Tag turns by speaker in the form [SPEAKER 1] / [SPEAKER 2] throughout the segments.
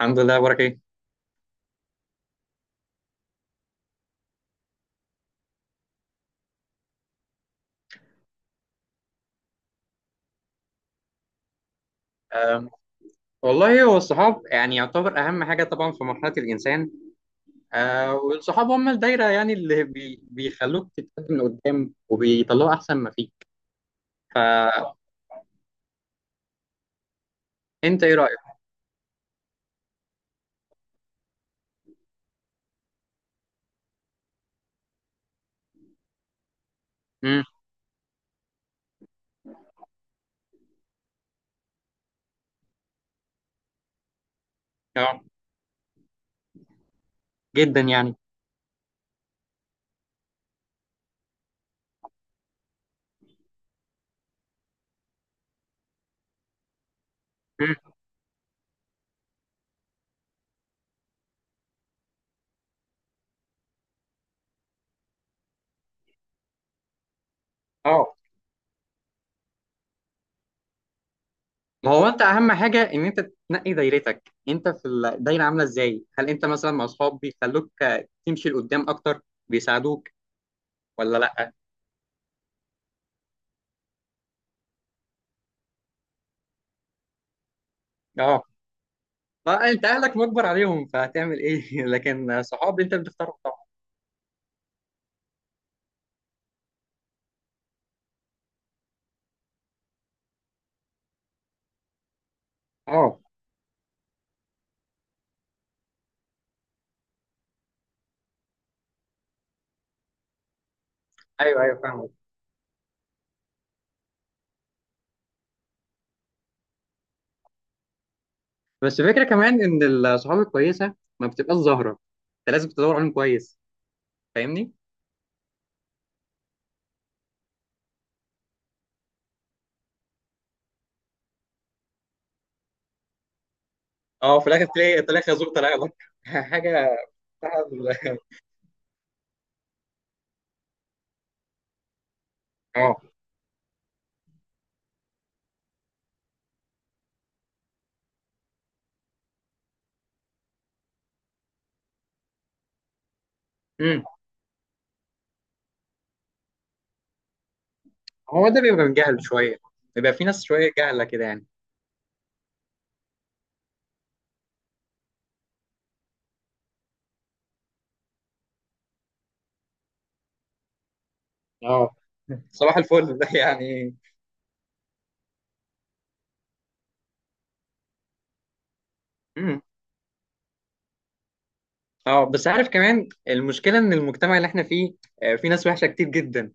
[SPEAKER 1] الحمد لله، بارك ايه. أه والله هو الصحاب يعني يعتبر اهم حاجه طبعا في مرحله الانسان. والصحاب هم الدايره يعني اللي بيخلوك تتقدم لقدام وبيطلعوا احسن ما فيك. فانت ايه رايك؟ امم. اه، جدا يعني. امم. اه، ما هو انت اهم حاجه ان انت تنقي دايرتك. انت في الدايره عامله ازاي؟ هل انت مثلا مع اصحاب بيخلوك تمشي لقدام اكتر؟ بيساعدوك ولا لا؟ اه، فانت اهلك مجبر عليهم فهتعمل ايه لكن صحاب انت بتختارهم طبعا. اه، ايوه، ايوه، فاهمك. بس الفكره كمان ان الصحاب الكويسه ما بتبقاش ظاهره. انت لازم تدور عليهم كويس. فاهمني؟ اه، في الاخر تلاقي خازوق طلع لك حاجه. بتاع- اه، امم، هو ده بيبقى من جهل شويه. بيبقى في ناس شويه جهله كده يعني. اه، صباح الفل ده يعني. امم. اه، بس عارف كمان المشكله ان المجتمع اللي احنا فيه في ناس وحشه كتير جدا.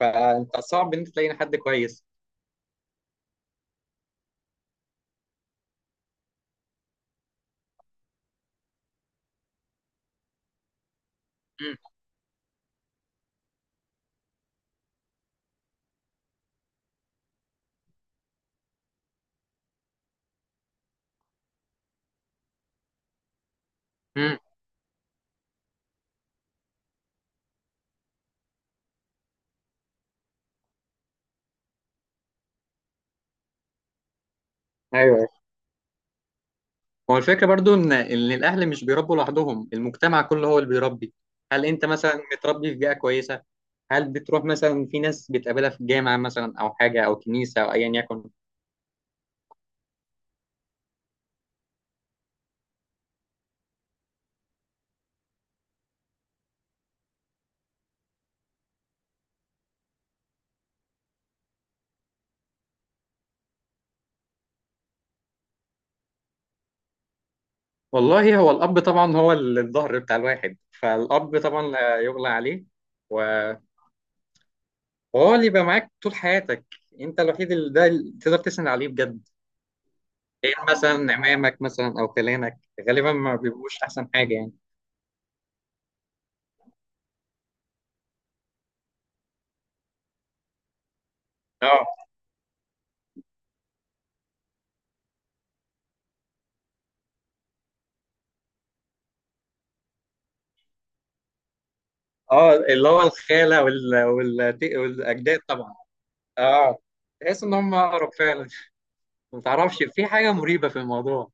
[SPEAKER 1] فانت صعب ان انت تلاقي حد كويس. امم. امم. ايوه، هو الفكرة برضو إن الأهل مش بيربوا لوحدهم، المجتمع كله هو اللي بيربي. هل أنت مثلا متربي في بيئة كويسة؟ هل بتروح مثلا في ناس بتقابلها في الجامعة مثلا أو حاجة أو كنيسة أو أيا يكن؟ والله هو الأب طبعا، هو الظهر بتاع الواحد، فالأب طبعا لا يغلى عليه. و- وهو اللي يبقى معاك طول حياتك. أنت الوحيد اللي ده اللي تقدر تسند عليه بجد. غير مثلا عمامك مثلا أو خلانك، غالبا ما بيبقوش أحسن حاجة يعني. اه، اه، اللي هو الخالة والأجداد طبعا. اه، تحس ان هم اقرب فعلا. ما تعرفش في حاجه مريبه في الموضوع.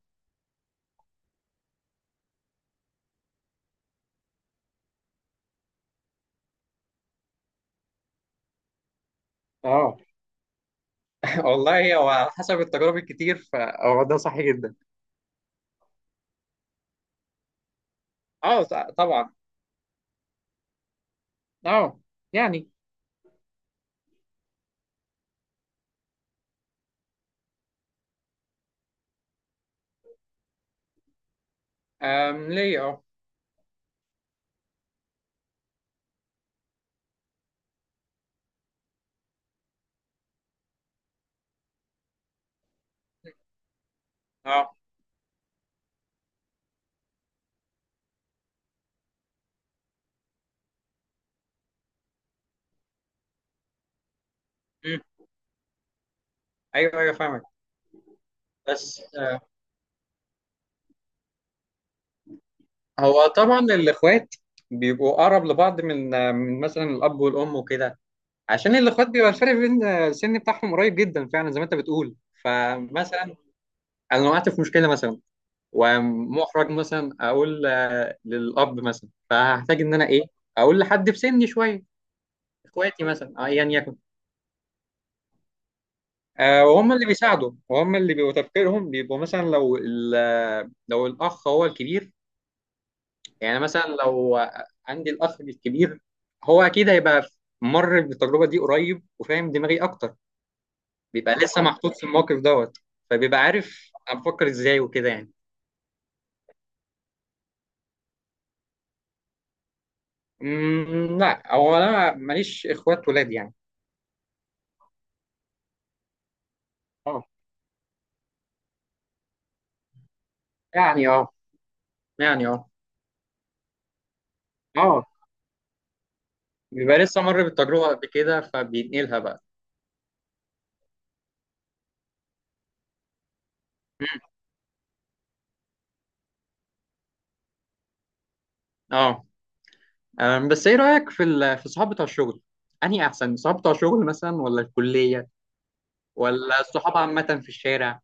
[SPEAKER 1] اه والله هو على حسب التجارب الكتير فهو ده صح جدا. اه، طبعا. اه يعني. ليه، اه. اه. مم. ايوه، ايوه، فاهمك. بس هو طبعا الاخوات بيبقوا اقرب لبعض من من مثلا الاب والام وكده. عشان الاخوات بيبقى الفرق بين السن بتاعهم قريب جدا فعلا زي ما انت بتقول. فمثلا انا وقعت في مشكله مثلا، ومحرج مثلا اقول للاب مثلا، فهحتاج ان انا ايه، اقول لحد في سني شويه، اخواتي مثلا ايا يكن. وهم اللي بيساعدوا، وهم اللي بيبقوا تفكيرهم بيبقوا مثلا لو لو الاخ هو الكبير. يعني مثلا لو عندي الاخ الكبير، هو اكيد هيبقى مر بالتجربه دي قريب وفاهم دماغي اكتر. بيبقى لسه محطوط في الموقف دوت، فبيبقى عارف انا بفكر ازاي وكده يعني. لا، هو انا ماليش اخوات ولاد يعني. اه يعني. اه يعني. اه. اه. بيبقى لسه مر بالتجربة قبل كده فبينقلها بقى. اه، بس ايه رأيك في في الصحاب بتوع الشغل؟ أنهي أحسن؟ الصحاب بتوع الشغل مثلا ولا الكلية، ولا الصحاب عامة في الشارع؟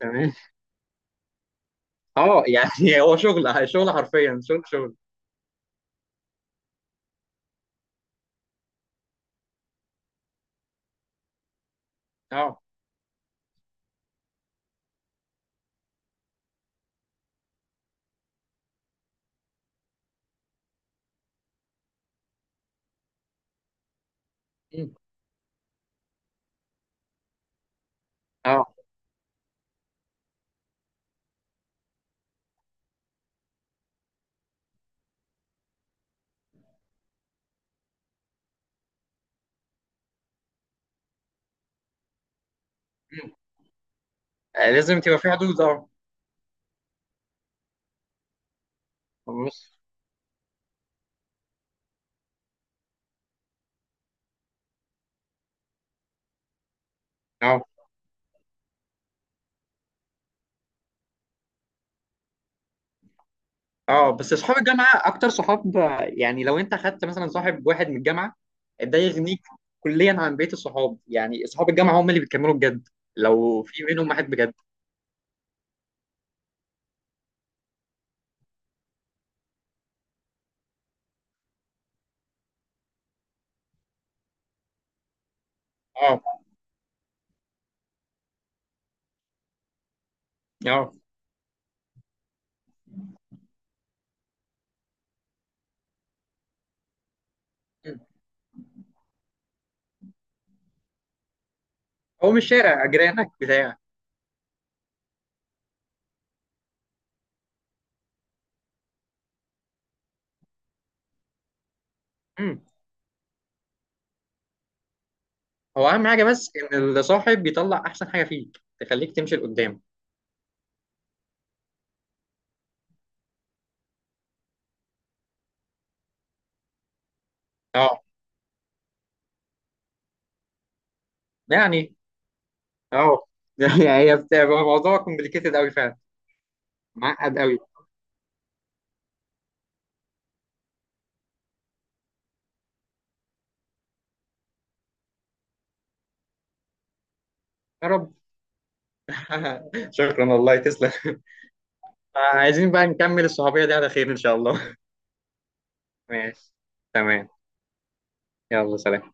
[SPEAKER 1] تمام. اه، يعني هو شغل شغل حرفيا، شغل شغل. اه. مم. اه. مم. لازم تبقى في حدود، اه. بص. اه. اه. بس اصحاب الجامعه اكتر صحاب يعني لو انت خدت مثلا صاحب واحد من الجامعه، ده يغنيك كليا عن بقيه الصحاب. يعني اصحاب الجامعه هم اللي بيكملوا بجد، لو في منهم واحد بجد. اه. اه. مم. هو مش شارع جيرانك بتاع. مم. هو اهم حاجه بس ان الصاحب بيطلع احسن حاجه فيك تخليك تمشي لقدام. اه يعني. اه يعني هي بتبقى موضوع كومبليكيتد قوي فعلا. معقد قوي. يا رب شكرا، والله تسلم عايزين بقى نكمل الصحوبيه دي على خير ان شاء الله. ماشي. تمام. يلا، سلام.